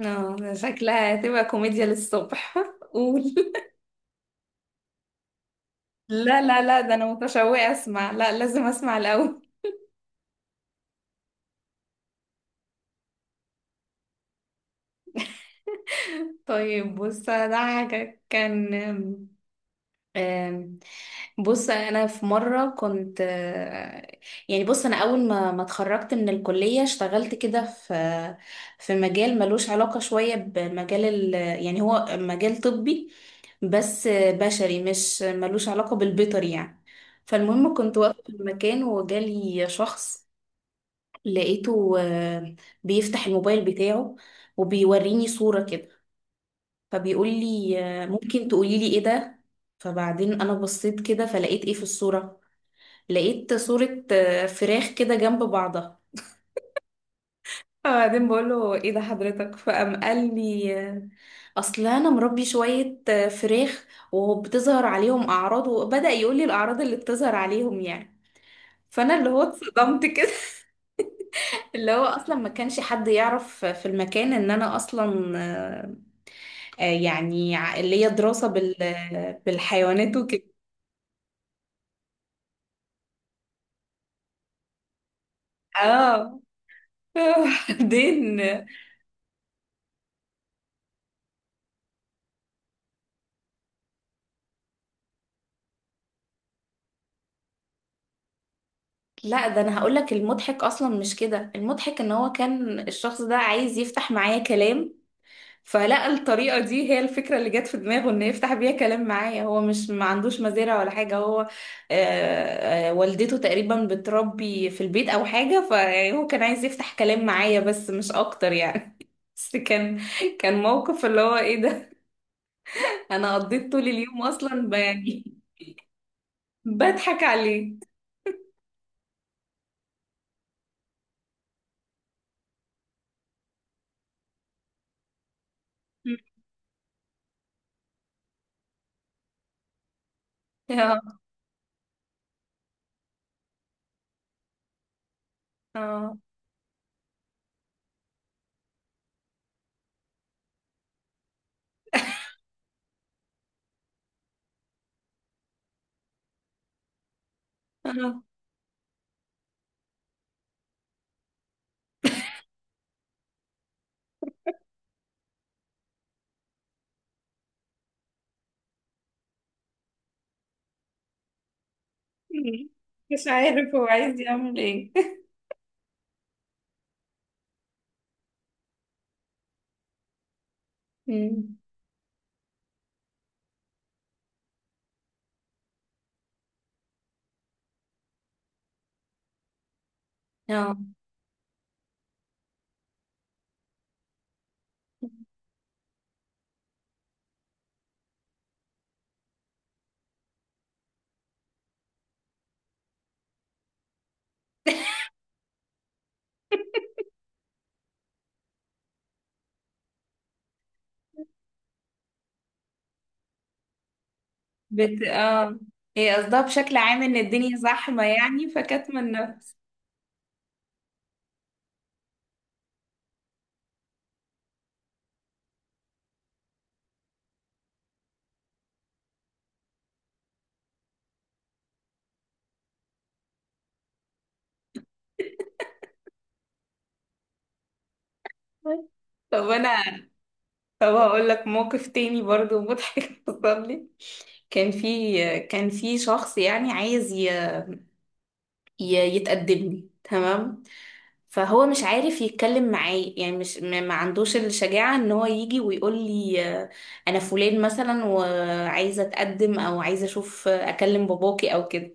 اه، شكلها هتبقى كوميديا للصبح. قول. لا لا لا، ده انا متشوقة اسمع. لا، لازم اسمع الاول. طيب بص، ده حاجة كان آم، آم، بص انا في مرة كنت يعني. بص انا اول ما اتخرجت من الكلية اشتغلت كده في مجال ملوش علاقة شوية بمجال يعني، هو مجال طبي بس بشري مش ملوش علاقة بالبيطر يعني. فالمهم كنت واقفة في المكان وجالي شخص، لقيته بيفتح الموبايل بتاعه وبيوريني صورة كده فبيقول لي ممكن تقولي لي ايه ده. فبعدين انا بصيت كده فلقيت ايه في الصورة. لقيت صورة فراخ كده جنب بعضها. فبعدين بقول له ايه ده حضرتك، فقام قال لي اصل انا مربي شويه فراخ وبتظهر عليهم اعراض، وبدا يقول لي الاعراض اللي بتظهر عليهم يعني. فانا اللي هو اتصدمت كده. اللي هو اصلا ما كانش حد يعرف في المكان ان انا اصلا يعني اللي هي دراسه بالحيوانات وكده. اه. بعدين لا، ده انا هقول لك المضحك اصلا مش كده. المضحك ان هو كان الشخص ده عايز يفتح معايا كلام، فلقى الطريقة دي هي الفكرة اللي جت في دماغه ان يفتح بيها كلام معايا. هو مش ما عندوش مزارع ولا حاجة. هو والدته تقريبا بتربي في البيت او حاجة، فهو كان عايز يفتح كلام معايا بس مش اكتر يعني. بس كان موقف اللي هو ايه ده. انا قضيت طول اليوم اصلا يعني بضحك عليه. اه، اه، آه. مش عارف هو عايز يعمل ايه. اه، اه، هي قصدها بشكل عام ان الدنيا زحمة يعني فكاتمة النفس. طب انا طب هقول لك موقف تاني برضو مضحك حصل لي. كان في شخص يعني عايز يتقدم لي، تمام. فهو مش عارف يتكلم معايا يعني مش ما عندوش الشجاعة ان هو يجي ويقول لي انا فلان مثلا وعايزة اتقدم، او عايزة اشوف اكلم باباكي او كده.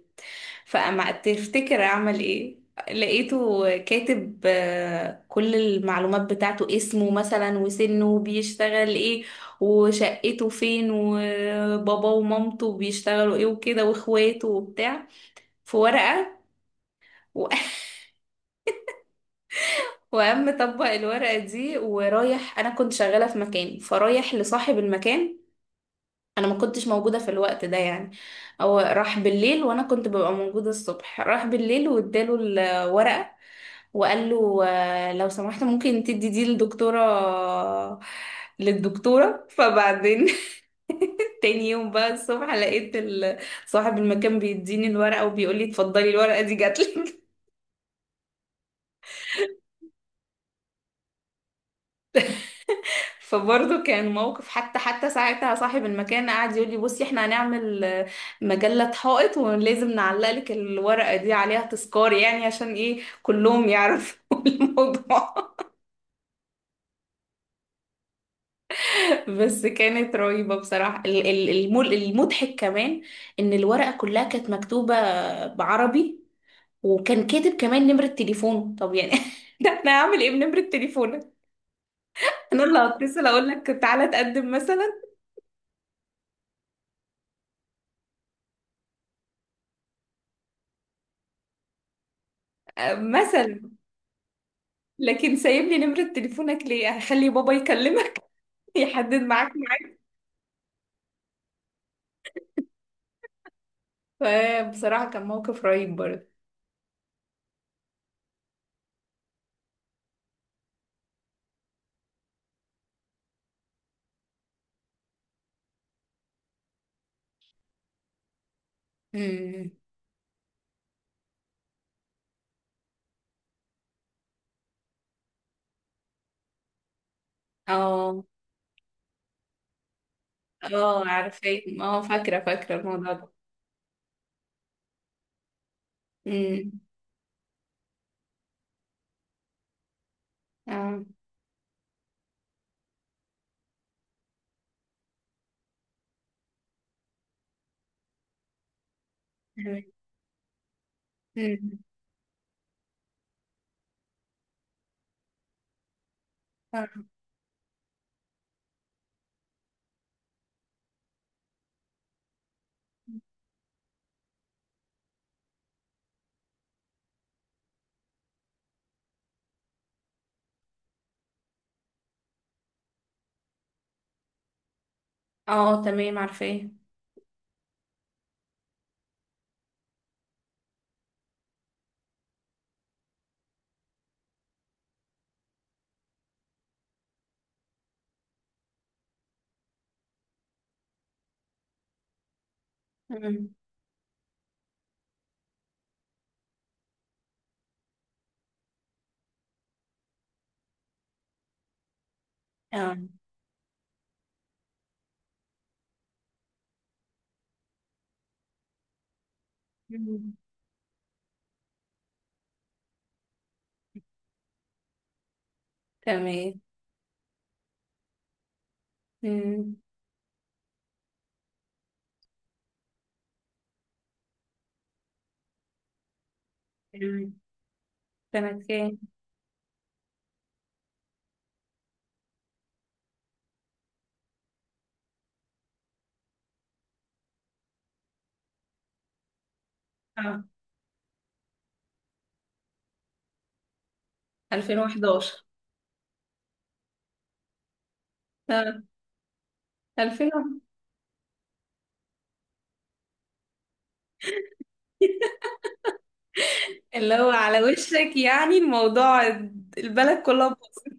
فاما تفتكر اعمل ايه؟ لقيته كاتب كل المعلومات بتاعته، اسمه مثلا وسنه وبيشتغل ايه وشقته فين وبابا ومامته بيشتغلوا ايه وكده واخواته وبتاع، في ورقة. و... وقام طبق الورقة دي ورايح. أنا كنت شغالة في مكان فرايح لصاحب المكان. أنا ما كنتش موجودة في الوقت ده يعني، هو راح بالليل وأنا كنت ببقى موجودة الصبح. راح بالليل واداله الورقة وقال له لو سمحت ممكن تدي دي للدكتورة. فبعدين تاني يوم بقى الصبح لقيت صاحب المكان بيديني الورقة وبيقول لي اتفضلي، الورقة دي جاتلك. فبرضه كان موقف. حتى ساعتها صاحب المكان قعد يقول لي بصي احنا هنعمل مجلة حائط، ولازم نعلق لك الورقة دي عليها تذكار يعني عشان ايه كلهم يعرفوا الموضوع. بس كانت رهيبة بصراحة. المضحك كمان إن الورقة كلها كانت مكتوبة بعربي، وكان كاتب كمان نمرة تليفونه. طب يعني ده احنا هعمل ايه بنمرة تليفونك؟ انا اللي هتصل اقول لك تعالى تقدم مثلا؟ مثلا لكن سايب لي نمرة تليفونك ليه؟ هخلي بابا يكلمك يحدد معاك. فبصراحة كان موقف رهيب برضه. امم اه، اه، عارفة. اه، فاكرة فاكرة الموضوع ده. امم اه، تمام. مم. اه، تمام عارفاه. مم. اه. مم. تمام. مم. تمام. سنة كام؟ اه، 2011. اه، 2000. اللي هو على وشك يعني الموضوع. البلد كلها باظت.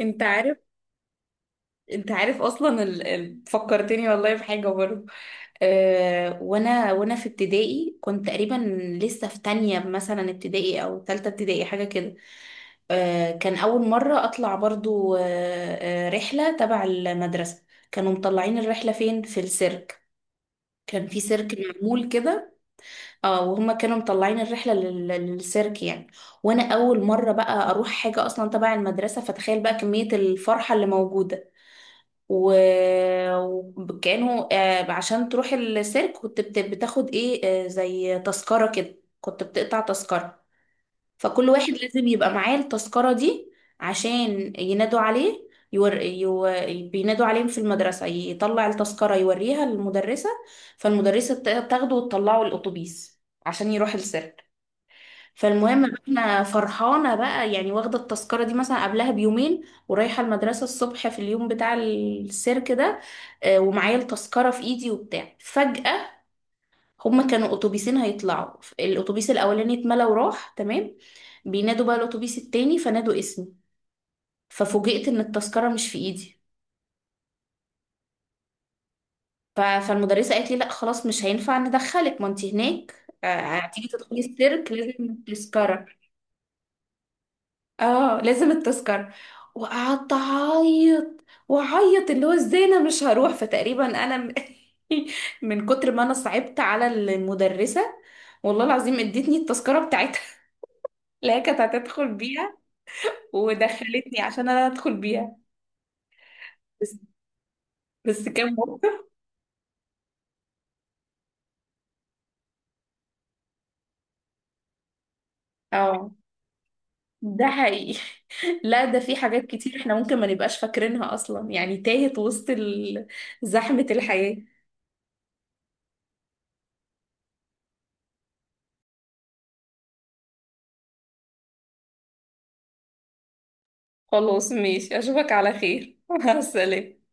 انت عارف. اصلا فكرتني والله بحاجه برضه. وانا في ابتدائي كنت تقريبا لسه في تانية مثلا ابتدائي او تالتة ابتدائي حاجه كده. كان اول مره اطلع برضو رحله تبع المدرسه. كانوا مطلعين الرحله فين؟ في السيرك. كان في سيرك معمول كده. اه، وهما كانوا مطلعين الرحله للسيرك يعني. وانا اول مره بقى اروح حاجه اصلا تبع المدرسه، فتخيل بقى كميه الفرحه اللي موجوده. و... وكانه عشان تروح السيرك كنت بتاخد ايه زي تذكرة كده. كنت بتقطع تذكرة، فكل واحد لازم يبقى معاه التذكرة دي عشان ينادوا عليه. يور... يو... بينادوا عليهم في المدرسة، يطلع التذكرة يوريها للمدرسة. فالمدرسة تاخده وتطلعه الأتوبيس عشان يروح السيرك. فالمهم بقى انا فرحانه بقى يعني واخده التذكره دي مثلا قبلها بيومين. ورايحه المدرسه الصبح في اليوم بتاع السيرك ده. ومعايا التذكره في ايدي وبتاع. فجاه هما كانوا اتوبيسين هيطلعوا. الاتوبيس الاولاني اتملى وراح، تمام. بينادوا بقى الاتوبيس التاني، فنادوا اسمي. ففوجئت ان التذكره مش في ايدي. فالمدرسه قالت لي لا خلاص مش هينفع ندخلك، ما انت هناك هتيجي تدخلي السيرك لازم التذكره. اه، لازم التذكرة. وقعدت اعيط واعيط اللي هو ازاي انا مش هروح. فتقريبا انا من كتر ما انا صعبت على المدرسة، والله العظيم ادتني التذكرة بتاعتها اللي هي كانت هتدخل بيها. ودخلتني عشان انا ادخل بيها. بس بس كان موقف. اه، ده حقيقي. لا، ده في حاجات كتير احنا ممكن ما نبقاش فاكرينها اصلا يعني تاهت وسط زحمة الحياة. خلاص، ماشي، اشوفك على خير. مع السلامة.